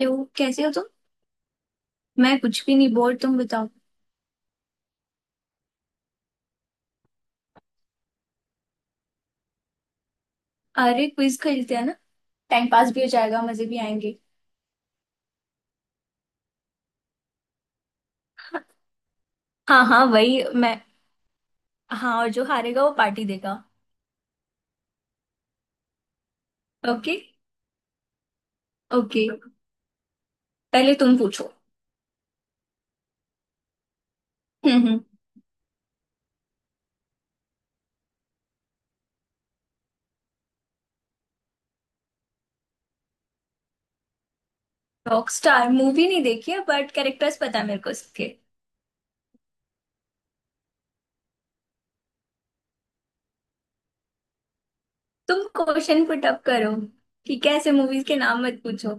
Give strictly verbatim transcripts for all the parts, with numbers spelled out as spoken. Hello, कैसे हो तुम। मैं कुछ भी नहीं, बोर। तुम बताओ। अरे क्विज खेलते हैं ना। टाइम पास भी हो जाएगा, मजे भी आएंगे। हाँ हाँ वही मैं। हाँ, और जो हारेगा वो पार्टी देगा। ओके। ओके, पहले तुम पूछो। हम्म हम्म। रॉकस्टार मूवी नहीं देखी है बट कैरेक्टर्स पता है मेरे को उसके। तुम क्वेश्चन पुट अप करो। ठीक है, ऐसे मूवीज के नाम मत पूछो।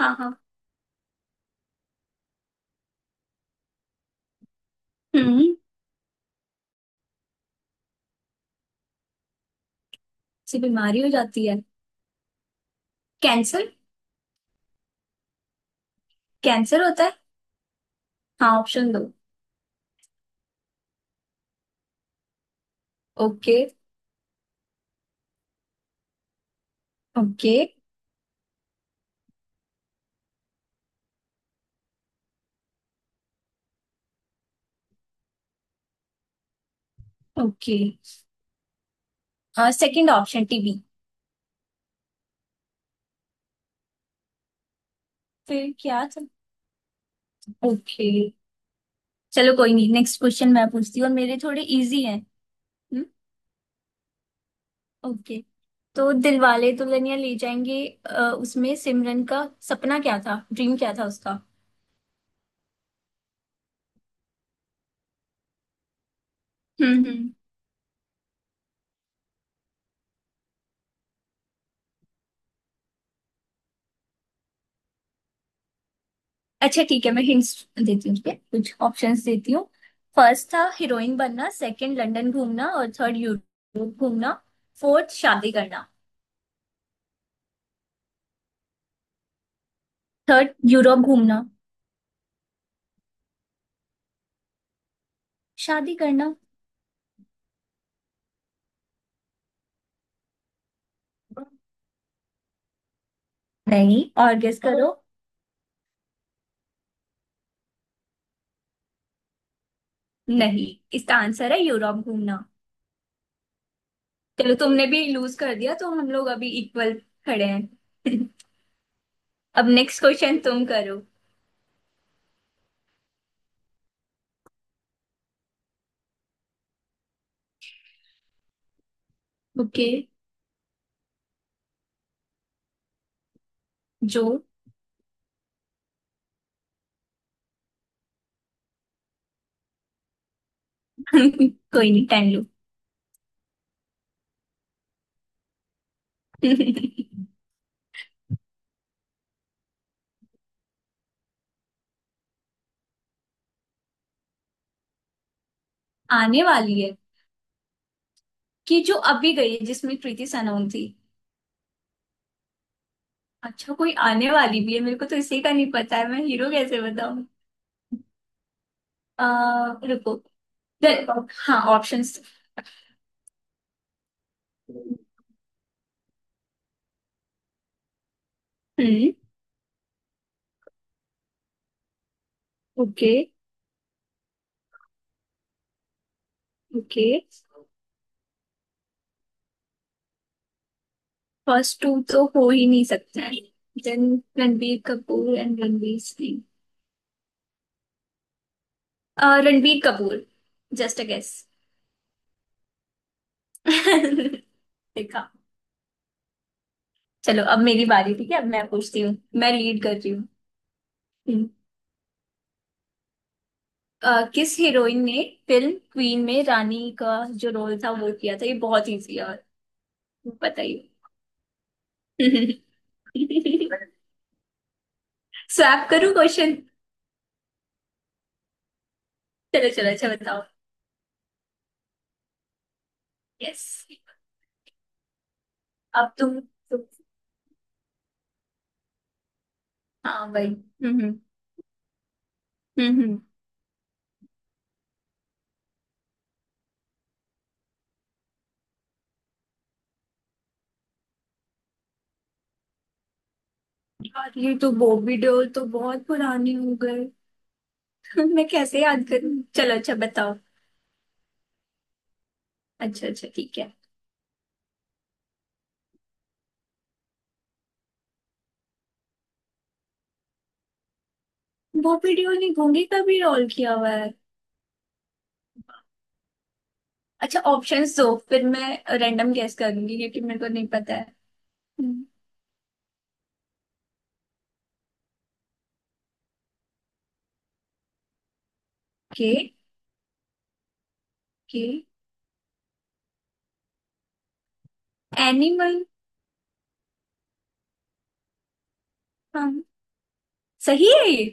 हाँ हाँ। हम्म से बीमारी हो जाती है। कैंसर। कैंसर होता है। हाँ, ऑप्शन दो। Okay. Okay. Okay, second option TB. फिर क्या था। ओके, चलो कोई नहीं। नेक्स्ट क्वेश्चन मैं पूछती हूँ और मेरे थोड़े इजी हैं। हम्म। ओके, तो दिलवाले दुल्हनिया ले जाएंगे। अ, उसमें सिमरन का सपना क्या था, ड्रीम क्या था उसका। हम्म हम्म। अच्छा ठीक है, मैं हिंट्स देती हूँ, ठीक है, कुछ ऑप्शंस देती हूँ। फर्स्ट था हीरोइन बनना, सेकंड लंदन घूमना, और थर्ड यूरोप घूमना, फोर्थ शादी करना। थर्ड यूरोप घूमना। शादी करना। नहीं, और गेस करो। नहीं, इसका आंसर है यूरोप घूमना। चलो, तुमने भी लूज कर दिया तो हम लोग अभी इक्वल खड़े हैं अब नेक्स्ट क्वेश्चन तुम करो। ओके। जो। कोई नहीं, टाइम लो। आने वाली है कि जो अभी गई है, जिसमें कृति सनोन थी। अच्छा, कोई आने वाली भी है। मेरे को तो इसी का नहीं पता है, मैं हीरो कैसे बताऊं। आ, रुको। द- हाँ, ऑप्शंस। हम्म। ओके। ओके, फर्स्ट टू तो हो ही नहीं सकते। Then Ranbir Kapoor and Ranveer Singh. अ, रणबीर कपूर। जस्ट अ गेस। देखा। चलो अब मेरी बारी, ठीक है। अब मैं पूछती हूँ, मैं लीड कर रही हूँ। हम्म। अ, किस हीरोइन ने फिल्म क्वीन में रानी का जो रोल था वो किया था, ये बहुत इजी है, और बताइए। स्वैप करूँ क्वेश्चन। चलो चलो, अच्छा बताओ। यस। अब तुम तुम हाँ भाई, हम्म हम्म हम्म। यार, ये तो बॉबी देओल तो बहुत पुरानी हो गए। मैं कैसे याद करूँ, चलो अच्छा बताओ। अच्छा अच्छा ठीक है। वो वीडियो नहीं, गूंगी का भी रोल किया हुआ है। अच्छा, ऑप्शंस दो, फिर मैं रैंडम गेस करूंगी क्योंकि मेरे को नहीं पता है। के। के। एनिमल। हम, सही है ये।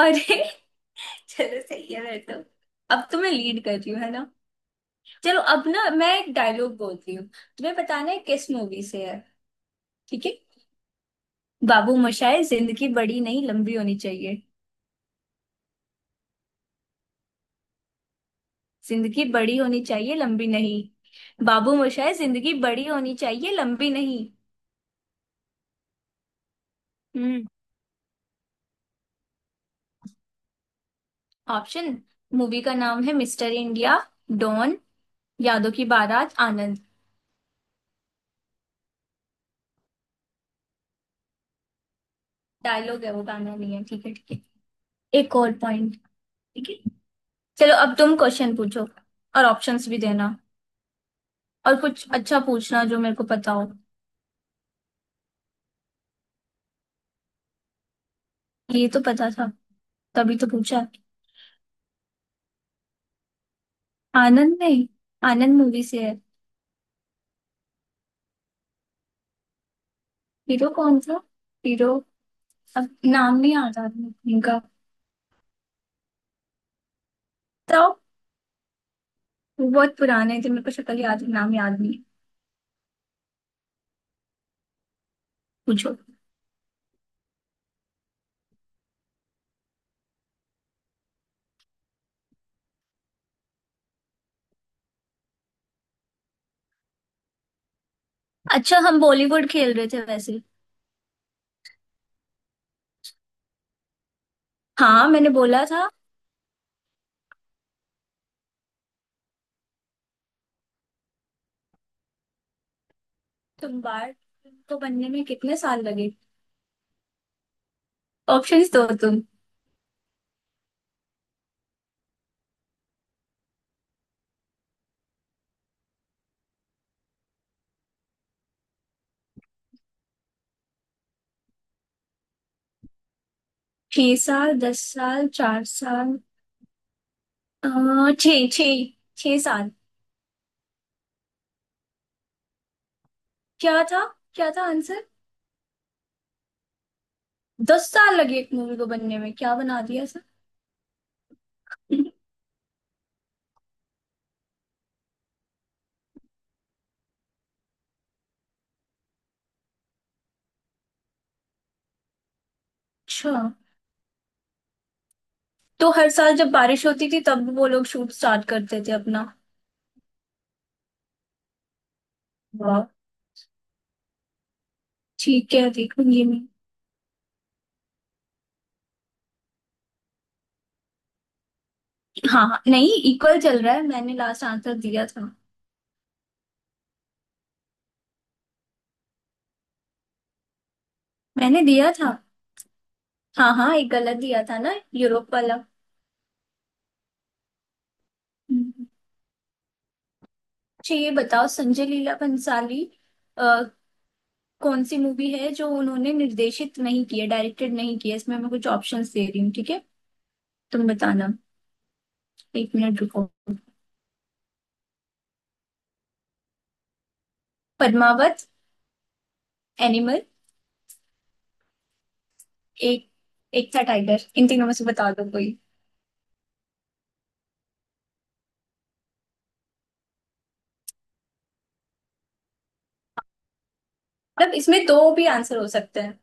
अरे चलो सही है। मैं तो अब तो मैं लीड कर रही हूँ, है ना। चलो अब ना मैं एक डायलॉग बोलती हूँ, तुम्हें बताना है किस मूवी से है। ठीक है। बाबू मोशाय, जिंदगी बड़ी नहीं, लंबी होनी चाहिए। जिंदगी बड़ी होनी चाहिए, लंबी नहीं। बाबू मोशाय, जिंदगी बड़ी होनी चाहिए, लंबी नहीं। ऑप्शन। मूवी का नाम है mister India, don, Yaadon Ki बारात, आनंद। डायलॉग है, वो गाना नहीं है। ठीक है, ठीक है, एक और पॉइंट। ठीक है, चलो अब तुम क्वेश्चन पूछो। और ऑप्शंस भी देना, और कुछ अच्छा पूछना जो मेरे को पता हो। ये तो पता था, तभी तो पूछा। आनंद, नहीं आनंद मूवी से है। हीरो कौन था। हीरो, अब नाम नहीं याद आ रहा इनका। बताओ। वो बहुत पुराने थे, मेरे को शक्ल याद है, नाम याद नहीं। पूछो। अच्छा, हम बॉलीवुड खेल रहे थे वैसे। हाँ, मैंने बोला था। तुम बार्ट को बनने में कितने साल लगे। ऑप्शंस दो तुम। छह साल, दस साल, चार साल। अह, छह छह। छह साल। क्या था, क्या था आंसर। दस साल लगे एक मूवी को बनने में, क्या बना दिया सर। अच्छा। तो हर साल जब बारिश होती थी तब वो लोग शूट स्टार्ट करते थे अपना। वाह, ठीक है, देखूंगी मैं। हाँ हाँ, नहीं इक्वल चल रहा है, मैंने लास्ट आंसर दिया था। मैंने दिया था। हाँ हाँ, एक गलत दिया था ना, यूरोप वाला। हम्म। अच्छा, ये बताओ, संजय लीला भंसाली अ, कौन सी मूवी है जो उन्होंने निर्देशित नहीं की है, डायरेक्टेड नहीं की है। इसमें मैं कुछ ऑप्शंस दे रही हूँ, ठीक है, तुम बताना। एक मिनट रुको। पद्मावत, एनिमल, एक, एक था टाइगर। इन तीनों में से बता दो कोई। मतलब इसमें दो भी आंसर हो सकते हैं।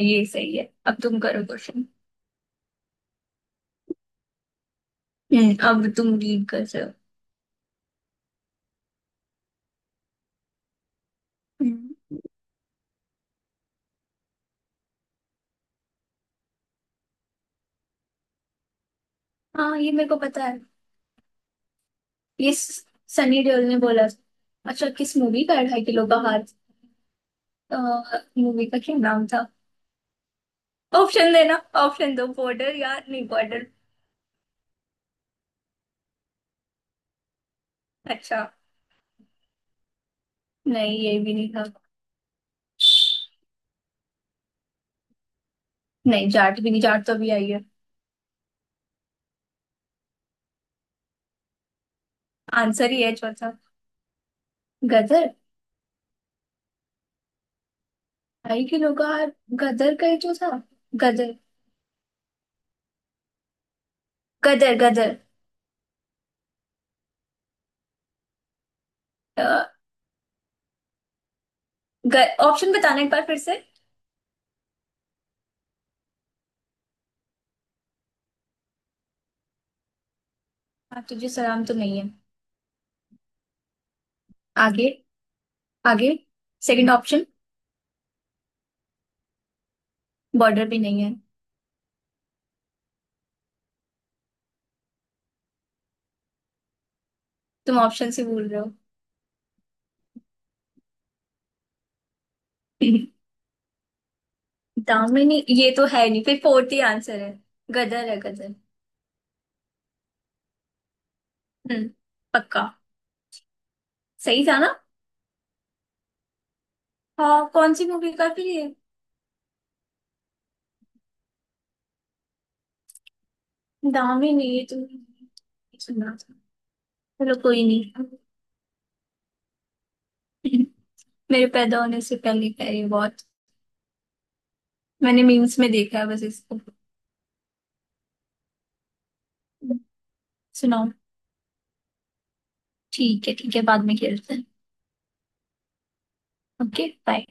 ये सही है। अब तुम करो क्वेश्चन। हम्म, अब तुम लीड कर रहे हो। हम्म। हाँ, ये मेरे को पता है। ये स- सनी देओल ने बोला। अच्छा, किस मूवी का है ढाई किलो का हाथ। मूवी का क्या नाम था। ऑप्शन देना। ऑप्शन दो, बॉर्डर, यार नहीं बॉर्डर। अच्छा। नहीं, ये भी नहीं था। नहीं, जाट भी नहीं, जाट तो भी आई है। आंसर ही है चौथा, गदर। ढाई किलो का हार, गदर का ही जो था। गदर। गदर गदर। अ, ग- ऑप्शन बताना एक बार फिर से। आप तुझे सलाम तो नहीं है। आगे, आगे। Second option. बॉर्डर भी नहीं है। तुम ऑप्शन से भूल रहे हो। दामिनी, ये तो है नहीं, फिर फोर्थ ही आंसर है। गदर है गदर। हम्म, पक्का। सही था। हाँ, कौन सी मूवी का फिर ये। दामिनी, ये तो मैंने सुना था। चलो कोई नहीं, मेरे पैदा होने से पहले का ये बहुत। मैंने मीम्स में देखा है बस इसको। सुनाओ। ठीक है, ठीक है, बाद में खेलते हैं। Okay, bye.